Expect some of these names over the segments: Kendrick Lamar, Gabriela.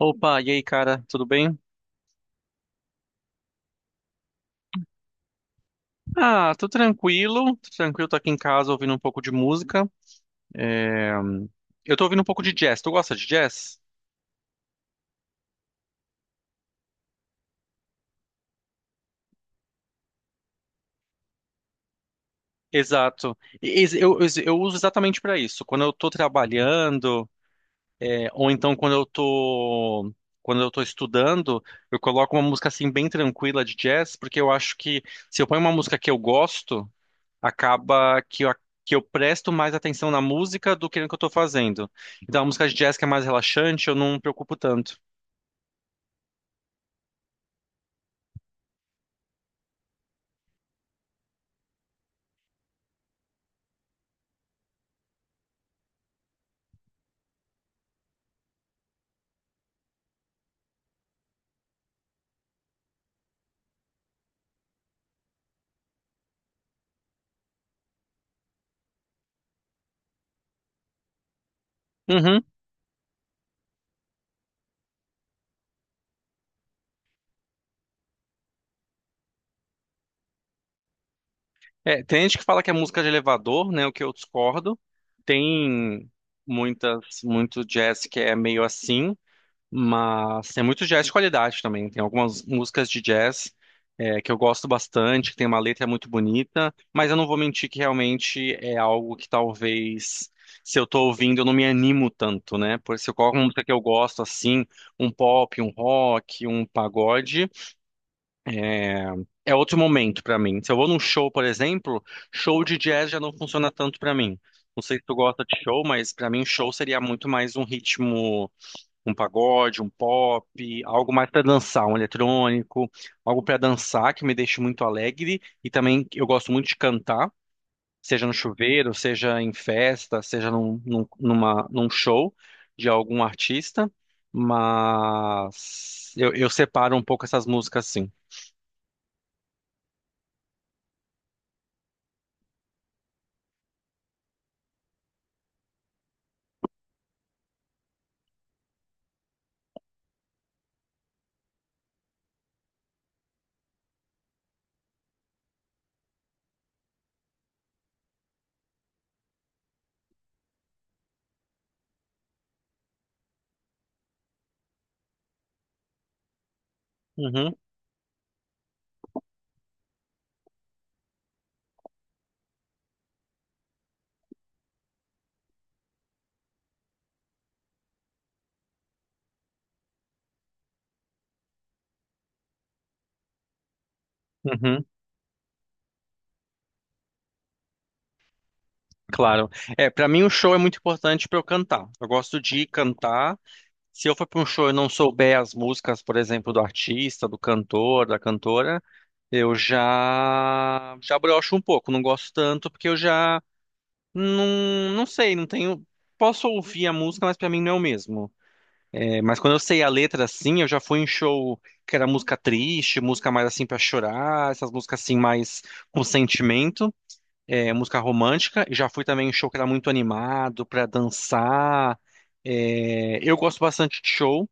Opa, e aí, cara, tudo bem? Tô tranquilo, tô tranquilo, tô aqui em casa ouvindo um pouco de música. É, Eu tô ouvindo um pouco de jazz, tu gosta de jazz? Exato. Eu uso exatamente pra isso. Quando eu tô trabalhando, ou então quando eu tô estudando, eu coloco uma música assim bem tranquila de jazz, porque eu acho que se eu ponho uma música que eu gosto, acaba que eu, que eu presto mais atenção na música do que no que eu tô fazendo. Então, a música de jazz que é mais relaxante, eu não me preocupo tanto. Uhum. É, tem gente que fala que é música de elevador, né? O que eu discordo. Tem muitas, muito jazz que é meio assim. Mas tem muito jazz de qualidade também. Tem algumas músicas de jazz que eu gosto bastante, que tem uma letra muito bonita, mas eu não vou mentir que realmente é algo que talvez, se eu tô ouvindo, eu não me animo tanto, né? Por isso, qual música que eu gosto, assim, um pop, um rock, um pagode, é, é outro momento pra mim. Se eu vou num show, por exemplo, show de jazz já não funciona tanto pra mim. Não sei se tu gosta de show, mas pra mim show seria muito mais um ritmo, um pagode, um pop, algo mais para dançar, um eletrônico, algo para dançar que me deixe muito alegre e também eu gosto muito de cantar, seja no chuveiro, seja em festa, seja num, num, numa- num show de algum artista, mas eu separo um pouco essas músicas assim. Uhum, uhum, claro. É, para mim o show é muito importante para eu cantar. Eu gosto de cantar. Se eu for para um show e não souber as músicas, por exemplo, do artista, do cantor, da cantora, eu já já broxo um pouco, não gosto tanto porque eu já não sei, não tenho, posso ouvir a música, mas para mim não é o mesmo. É, mas quando eu sei a letra assim, eu já fui em show que era música triste, música mais assim para chorar, essas músicas assim mais com sentimento, música romântica, e já fui também em show que era muito animado para dançar. É, eu gosto bastante de show.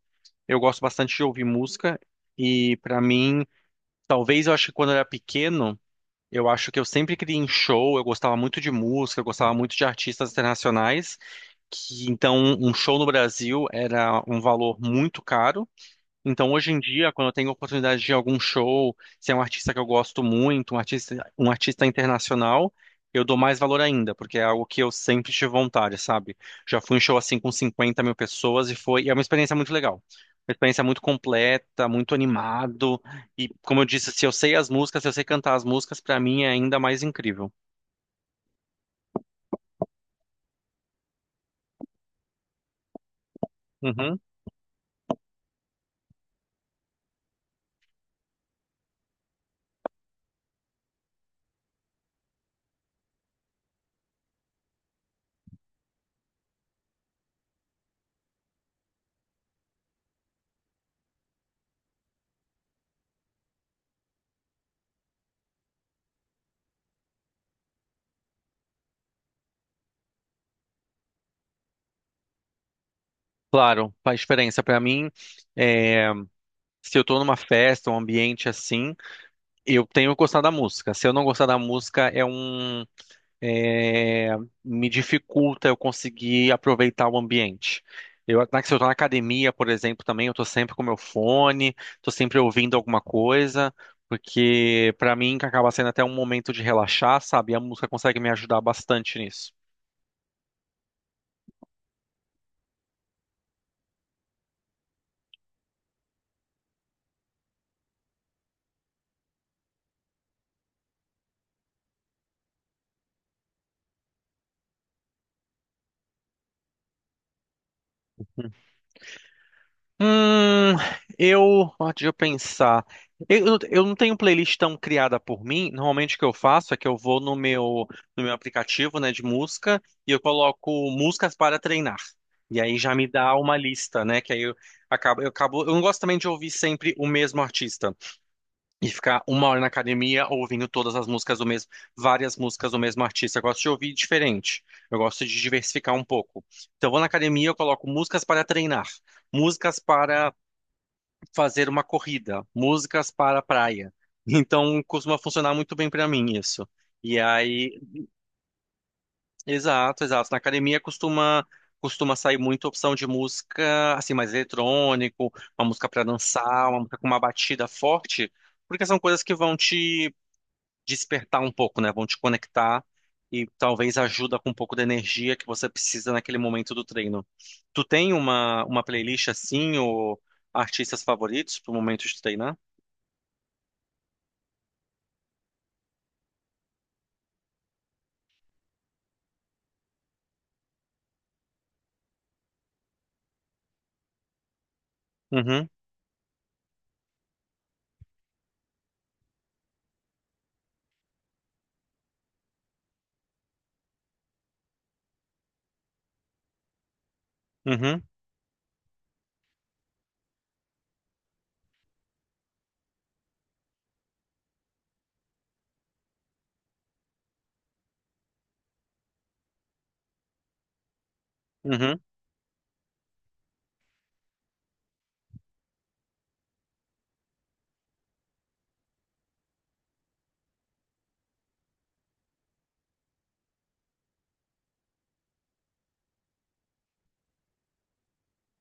Eu gosto bastante de ouvir música e pra mim, talvez eu acho que quando eu era pequeno, eu acho que eu sempre queria ir em show, eu gostava muito de música, eu gostava muito de artistas internacionais, que então um show no Brasil era um valor muito caro. Então, hoje em dia, quando eu tenho oportunidade de ir a algum show, se é um artista que eu gosto muito, um artista internacional, eu dou mais valor ainda, porque é algo que eu sempre tive vontade, sabe? Já fui em show assim com 50 mil pessoas e foi, e é uma experiência muito legal. Uma experiência muito completa, muito animado. E, como eu disse, se eu sei as músicas, se eu sei cantar as músicas, pra mim é ainda mais incrível. Uhum. Claro, a experiência pra mim, é, se eu tô numa festa, um ambiente assim. Eu tenho gostado da música. Se eu não gostar da música, é, me dificulta eu conseguir aproveitar o ambiente. Se eu tô na academia, por exemplo, também, eu tô sempre com meu fone, tô sempre ouvindo alguma coisa, porque pra mim acaba sendo até um momento de relaxar, sabe? E a música consegue me ajudar bastante nisso. Hum, eu, deixa eu pensar. Eu não tenho playlist tão criada por mim. Normalmente o que eu faço é que eu vou no meu aplicativo, né, de música e eu coloco músicas para treinar. E aí já me dá uma lista, né, que aí eu acabo, eu não gosto também de ouvir sempre o mesmo artista e ficar uma hora na academia ouvindo todas as músicas do mesmo, várias músicas do mesmo artista. Eu gosto de ouvir diferente. Eu gosto de diversificar um pouco. Então eu vou na academia, eu coloco músicas para treinar, músicas para fazer uma corrida, músicas para a praia. Então costuma funcionar muito bem para mim isso. E aí, exato, exato. Na academia costuma sair muita opção de música assim mais eletrônico, uma música para dançar, uma música com uma batida forte, porque são coisas que vão te despertar um pouco, né? Vão te conectar e talvez ajuda com um pouco da energia que você precisa naquele momento do treino. Tu tem uma playlist assim ou artistas favoritos para o momento de treinar? Uhum. Uhum, uhum,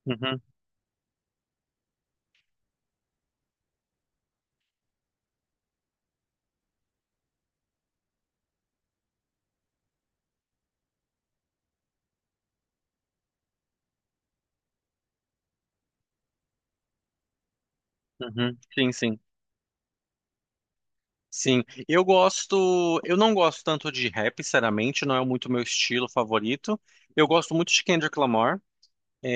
uhum, uhum. Sim, sim. Sim, eu gosto, eu não gosto tanto de rap, sinceramente, não é muito meu estilo favorito. Eu gosto muito de Kendrick Lamar.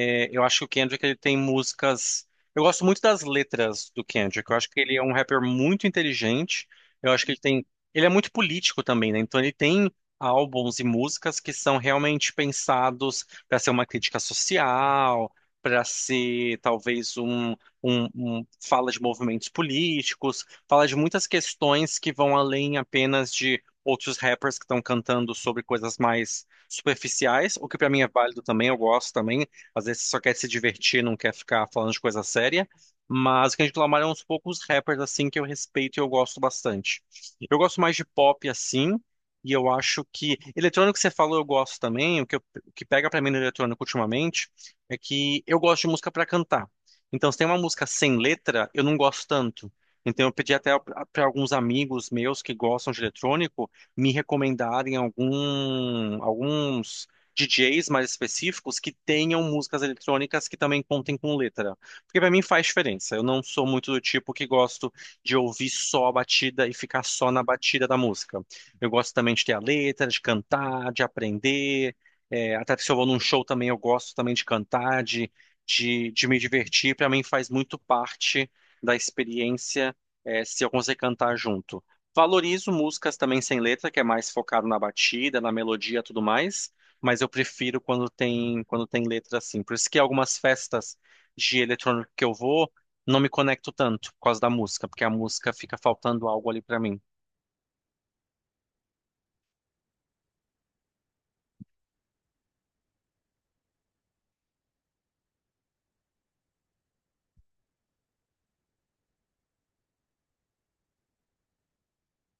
Eu acho que o Kendrick ele tem músicas. Eu gosto muito das letras do Kendrick. Eu acho que ele é um rapper muito inteligente. Eu acho que ele tem. Ele é muito político também, né? Então ele tem álbuns e músicas que são realmente pensados para ser uma crítica social, para ser talvez um fala de movimentos políticos, fala de muitas questões que vão além apenas de outros rappers que estão cantando sobre coisas mais superficiais, o que pra mim é válido também, eu gosto também. Às vezes você só quer se divertir, não quer ficar falando de coisa séria. Mas o Kendrick Lamar é um dos poucos rappers assim que eu respeito e eu gosto bastante. Eu gosto mais de pop assim, e eu acho que eletrônico que você falou eu gosto também. O que pega pra mim no eletrônico ultimamente é que eu gosto de música pra cantar. Então, se tem uma música sem letra, eu não gosto tanto. Então, eu pedi até para alguns amigos meus que gostam de eletrônico me recomendarem alguns DJs mais específicos que tenham músicas eletrônicas que também contem com letra. Porque pra mim faz diferença. Eu não sou muito do tipo que gosto de ouvir só a batida e ficar só na batida da música. Eu gosto também de ter a letra, de cantar, de aprender. É, até se eu vou num show também, eu gosto também de cantar, de me divertir. Pra mim faz muito parte da experiência, se eu conseguir cantar junto. Valorizo músicas também sem letra, que é mais focado na batida, na melodia e tudo mais, mas eu prefiro quando tem letra assim. Por isso que algumas festas de eletrônico que eu vou, não me conecto tanto por causa da música, porque a música fica faltando algo ali pra mim.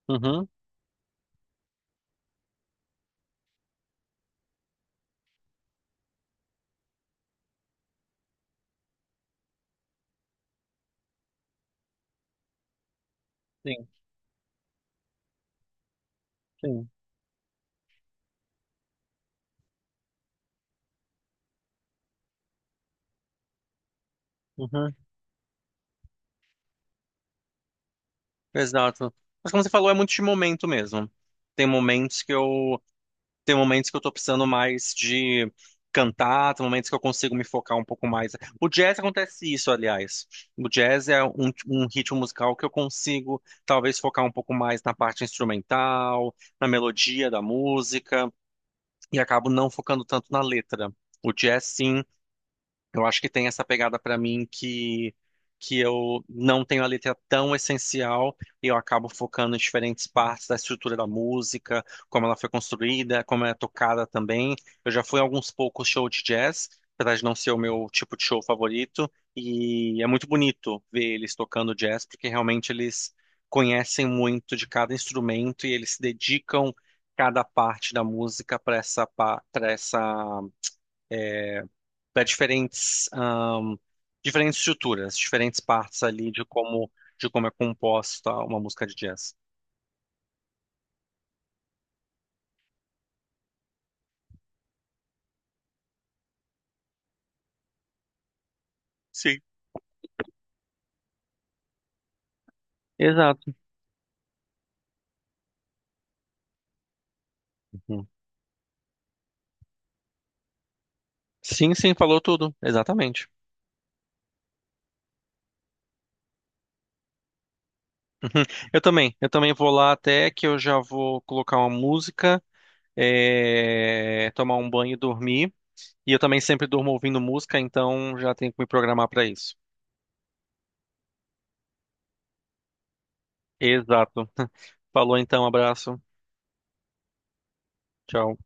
Uhum, sim, sim. Uhum, exato. Mas como você falou, é muito de momento mesmo. Tem momentos que eu Tem momentos que eu tô precisando mais de cantar, tem momentos que eu consigo me focar um pouco mais. O jazz acontece isso, aliás. O jazz é um ritmo musical que eu consigo talvez focar um pouco mais na parte instrumental, na melodia da música, e acabo não focando tanto na letra. O jazz, sim, eu acho que tem essa pegada pra mim que eu não tenho a letra tão essencial e eu acabo focando em diferentes partes da estrutura da música, como ela foi construída, como ela é tocada também. Eu já fui a alguns poucos shows de jazz, apesar de não ser o meu tipo de show favorito, e é muito bonito ver eles tocando jazz, porque realmente eles conhecem muito de cada instrumento e eles se dedicam cada parte da música para essa para diferentes diferentes estruturas, diferentes partes ali de como é composta uma música de jazz. Sim. Exato. Uhum. Sim, sim, falou tudo, exatamente. Eu também vou lá até que eu já vou colocar uma música, tomar um banho e dormir. E eu também sempre durmo ouvindo música, então já tenho que me programar para isso. Exato. Falou então, abraço. Tchau.